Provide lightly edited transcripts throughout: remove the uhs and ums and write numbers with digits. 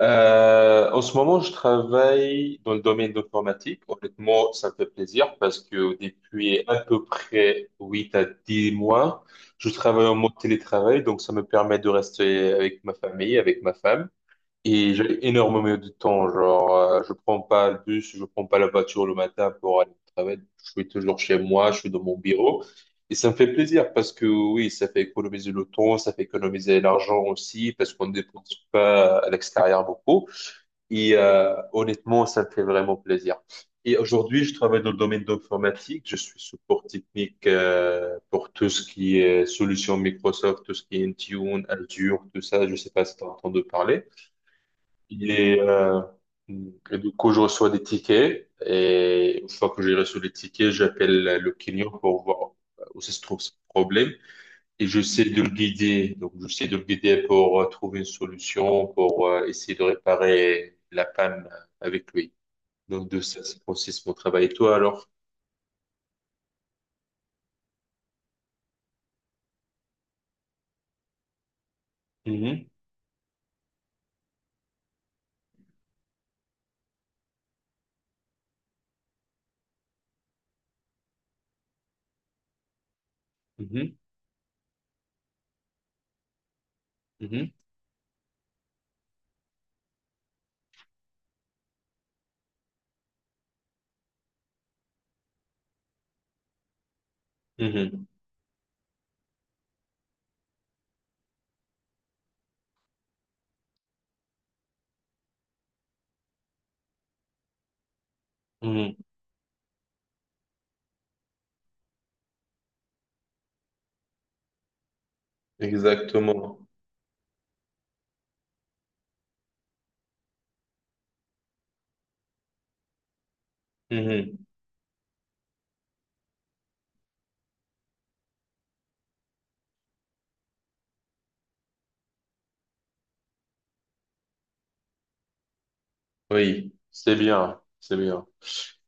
En ce moment, je travaille dans le domaine d'informatique. Honnêtement, ça me fait plaisir parce que depuis à peu près 8 à 10 mois, je travaille en mode télétravail, donc ça me permet de rester avec ma famille, avec ma femme. Et j'ai énormément de temps, genre, je prends pas le bus, je prends pas la voiture le matin pour aller au travail. Je suis toujours chez moi, je suis dans mon bureau. Et ça me fait plaisir parce que oui, ça fait économiser le temps, ça fait économiser l'argent aussi parce qu'on ne dépense pas à l'extérieur beaucoup. Honnêtement, ça me fait vraiment plaisir. Et aujourd'hui, je travaille dans le domaine d'informatique. Je suis support technique pour tout ce qui est solution Microsoft, tout ce qui est Intune, Azure, tout ça. Je sais pas si tu as entendu parler. Il est, euh, et du coup, je reçois des tickets et une fois que j'ai reçu les tickets, j'appelle le client pour voir où se trouve ce problème et j'essaie de le guider. Donc, j'essaie de le guider pour trouver une solution, pour essayer de réparer la panne avec lui. Donc, de ça, c'est consiste mon travail. Et toi, alors? Mhm, mhm, mhm, mhm, mhm. Exactement. Mhm. Oui, c'est bien, c'est bien.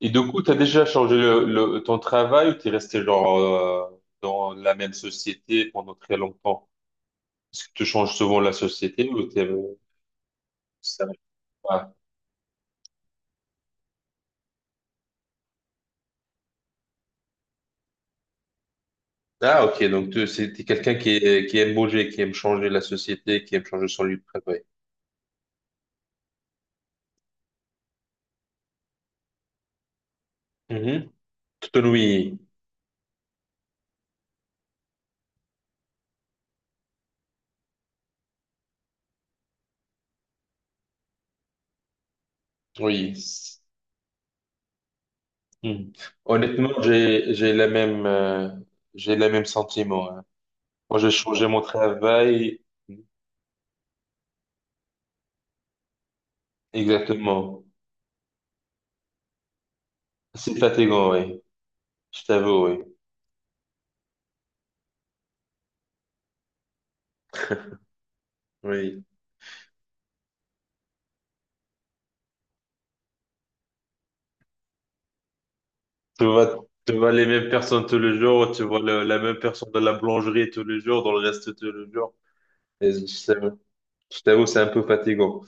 Et du coup, tu as déjà changé ton travail ou tu es resté genre, dans la même société pendant très longtemps? Est-ce que tu changes souvent la société ou t'es ça arrive pas? Ah, ok, donc tu c'est t'es quelqu'un qui, qui aime bouger, qui aime changer la société, qui aime changer son lieu de travail. Mhm. Tout- Oui, oui. Mhm. Honnêtement, j'ai la même, j'ai le même sentiment, hein. Moi, j'ai changé mon travail. Exactement. C'est fatigant, oui. Je t'avoue, oui. Oui. Tu vois les mêmes personnes tous les jours, tu vois la même personne dans la boulangerie tous les jours, dans le resto tous les jours. Et je sais- je t'avoue, c'est un peu fatigant.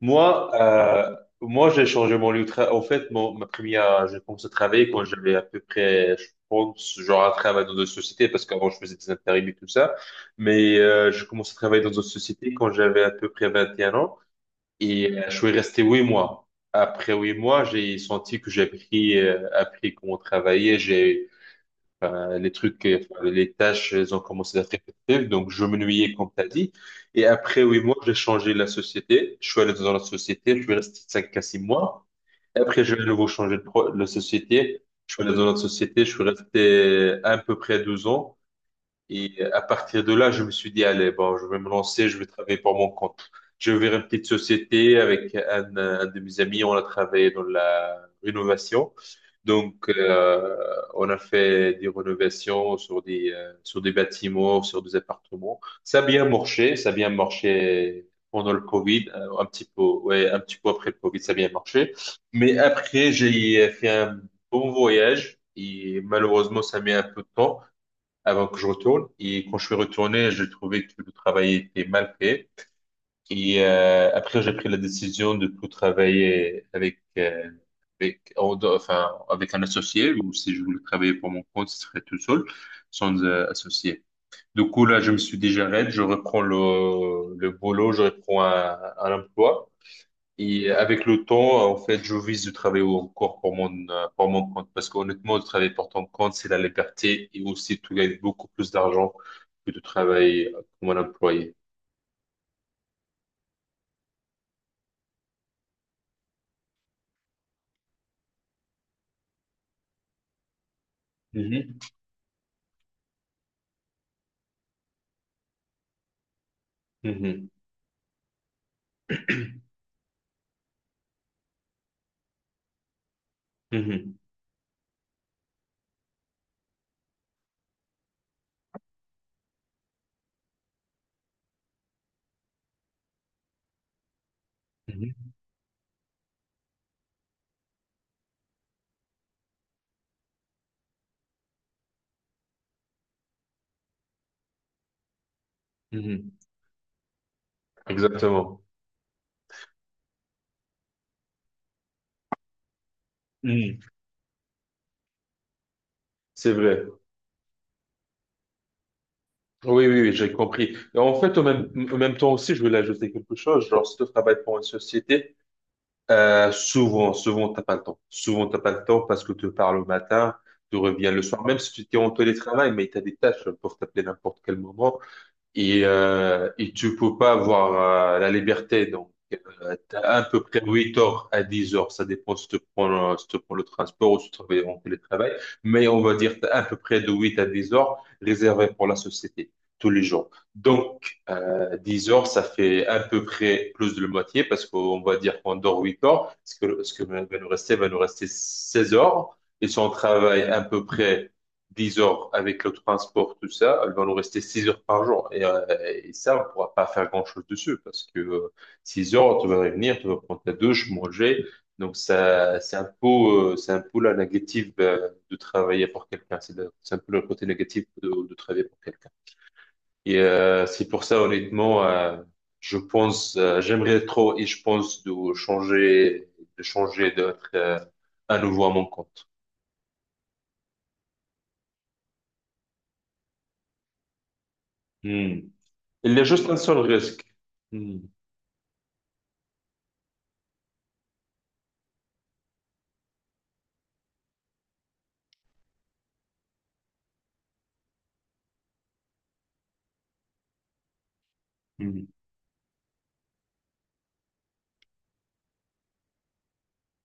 Moi, j'ai changé mon lieu de travail. En fait, ma première, j'ai commencé à travailler quand j'avais à peu près, je pense, genre un travail dans une société, parce qu'avant, je faisais des intérims et tout ça. Mais j'ai commencé à travailler dans une société quand j'avais à peu près 21 ans. Et je suis resté 8 mois. Après 8 mois, j'ai senti que j'ai appris, appris comment travailler. J'ai Enfin, les trucs, enfin, les tâches, elles ont commencé à être répétitives. Donc, je m'ennuyais, comme tu as dit. Et après 8 mois, j'ai changé la société. Je suis allé dans la société. Je suis resté 5 à 6 mois. Et après, j'ai à nouveau changé la société. Je suis allé dans la société. Je suis resté à peu près 12 ans. Et à partir de là, je me suis dit, allez, bon, je vais me lancer, je vais travailler pour mon compte. J'ai ouvert une petite société avec un de mes amis, on a travaillé dans la rénovation. Donc, on a fait des rénovations sur sur des bâtiments, sur des appartements. Ça a bien marché, ça a bien marché pendant le Covid, un petit peu, ouais, un petit peu après le Covid, ça a bien marché. Mais après, j'ai fait un bon voyage et malheureusement, ça met un peu de temps avant que je retourne. Et quand je suis retourné, j'ai trouvé que le travail était mal fait. Et après, j'ai pris la décision de plus travailler avec, enfin, avec un associé, ou si je voulais travailler pour mon compte, ce serait tout seul, sans associé. Du coup, là, je me suis dit, j'arrête, je reprends le boulot, je reprends un emploi. Et avec le temps, en fait, je vise de travailler encore pour pour mon compte. Parce qu'honnêtement, de travailler pour ton compte, c'est la liberté et aussi tu gagnes beaucoup plus d'argent que de travailler comme un employé. Mhm. Mhm. Mhm. Mhm. Mhm. Exactement. Mhm. C'est vrai. Oui, oui, oui, j'ai compris. Et en fait, au même temps aussi, je voulais ajouter quelque chose. Genre, si tu travailles pour une société, souvent, t'as pas le temps. Souvent, t'as pas le temps parce que tu pars le matin, tu reviens le soir, même si tu es en télétravail, mais tu as des tâches, peuvent t'appeler n'importe quel moment et, et tu peux pas avoir la liberté. Donc, t'as à peu près 8 heures à 10 heures. Ça dépend si tu prends, si tu prends le transport ou si tu travailles en télétravail. Mais on va dire t'as à peu près de 8 à 10 heures réservées pour la société tous les jours. Donc, 10 heures, ça fait à peu près plus de la moitié parce qu'on va dire qu'on dort 8 heures. Ce que va nous rester 16 heures. Et si on travaille à peu près 10 heures avec le transport, tout ça, elle va nous rester 6 heures par jour. Et, ça, on ne pourra pas faire grand-chose dessus parce que 6 heures, tu vas revenir, tu vas prendre ta douche, manger. Donc, ça, c'est un peu la négative de travailler pour quelqu'un. C'est un peu le côté négatif de travailler pour quelqu'un. C'est pour ça, honnêtement, je pense, j'aimerais trop et je pense de changer, d'être à nouveau à mon compte. Hmm. Il y a juste un seul risque. Hmm. Hmm.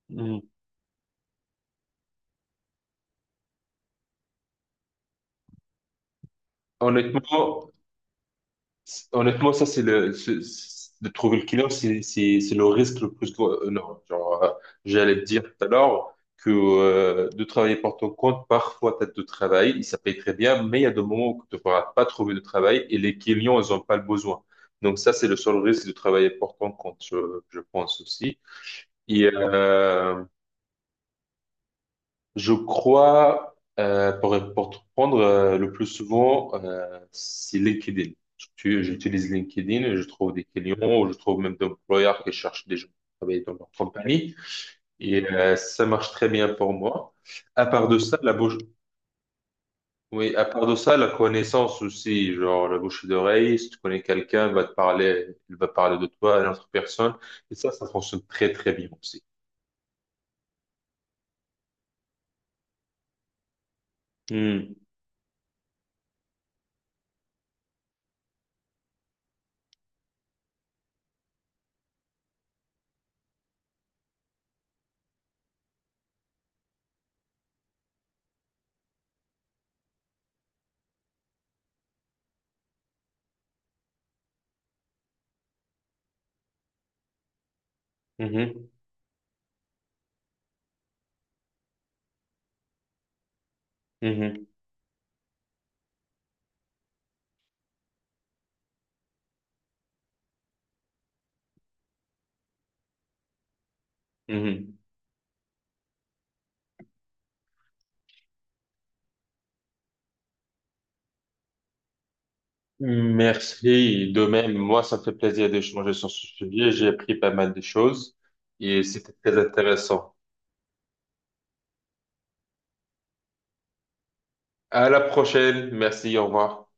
Mhm. Honnêtement, ça, c'est de trouver le client, c'est le risque le plus gros. Non, genre, J'allais te dire tout à l'heure que, de travailler pour ton compte, parfois, t'as de travail, il ça paye très bien, mais il y a des moments où tu ne pourras pas trouver de travail et les clients, ils n'ont pas le besoin. Donc, ça, c'est le seul risque de travailler pour ton compte, je pense aussi. Et, je crois, pour te prendre le plus souvent, c'est LinkedIn. J'utilise LinkedIn, et je trouve des clients, ou je trouve même des employeurs qui cherchent des gens qui travaillent dans leur compagnie. Et ça marche très bien pour moi. À part de ça, la bouche, oui, à part de ça, la connaissance aussi, genre la bouche d'oreille, si tu connais quelqu'un, il va te parler, il va parler de toi à une autre personne. Et ça fonctionne très, très bien aussi. Hmm. Mhm. Mhm. Mhm. Merci. De même, moi, ça me fait plaisir d'échanger sur ce sujet. J'ai appris pas mal de choses et c'était très intéressant. À la prochaine. Merci. Au revoir.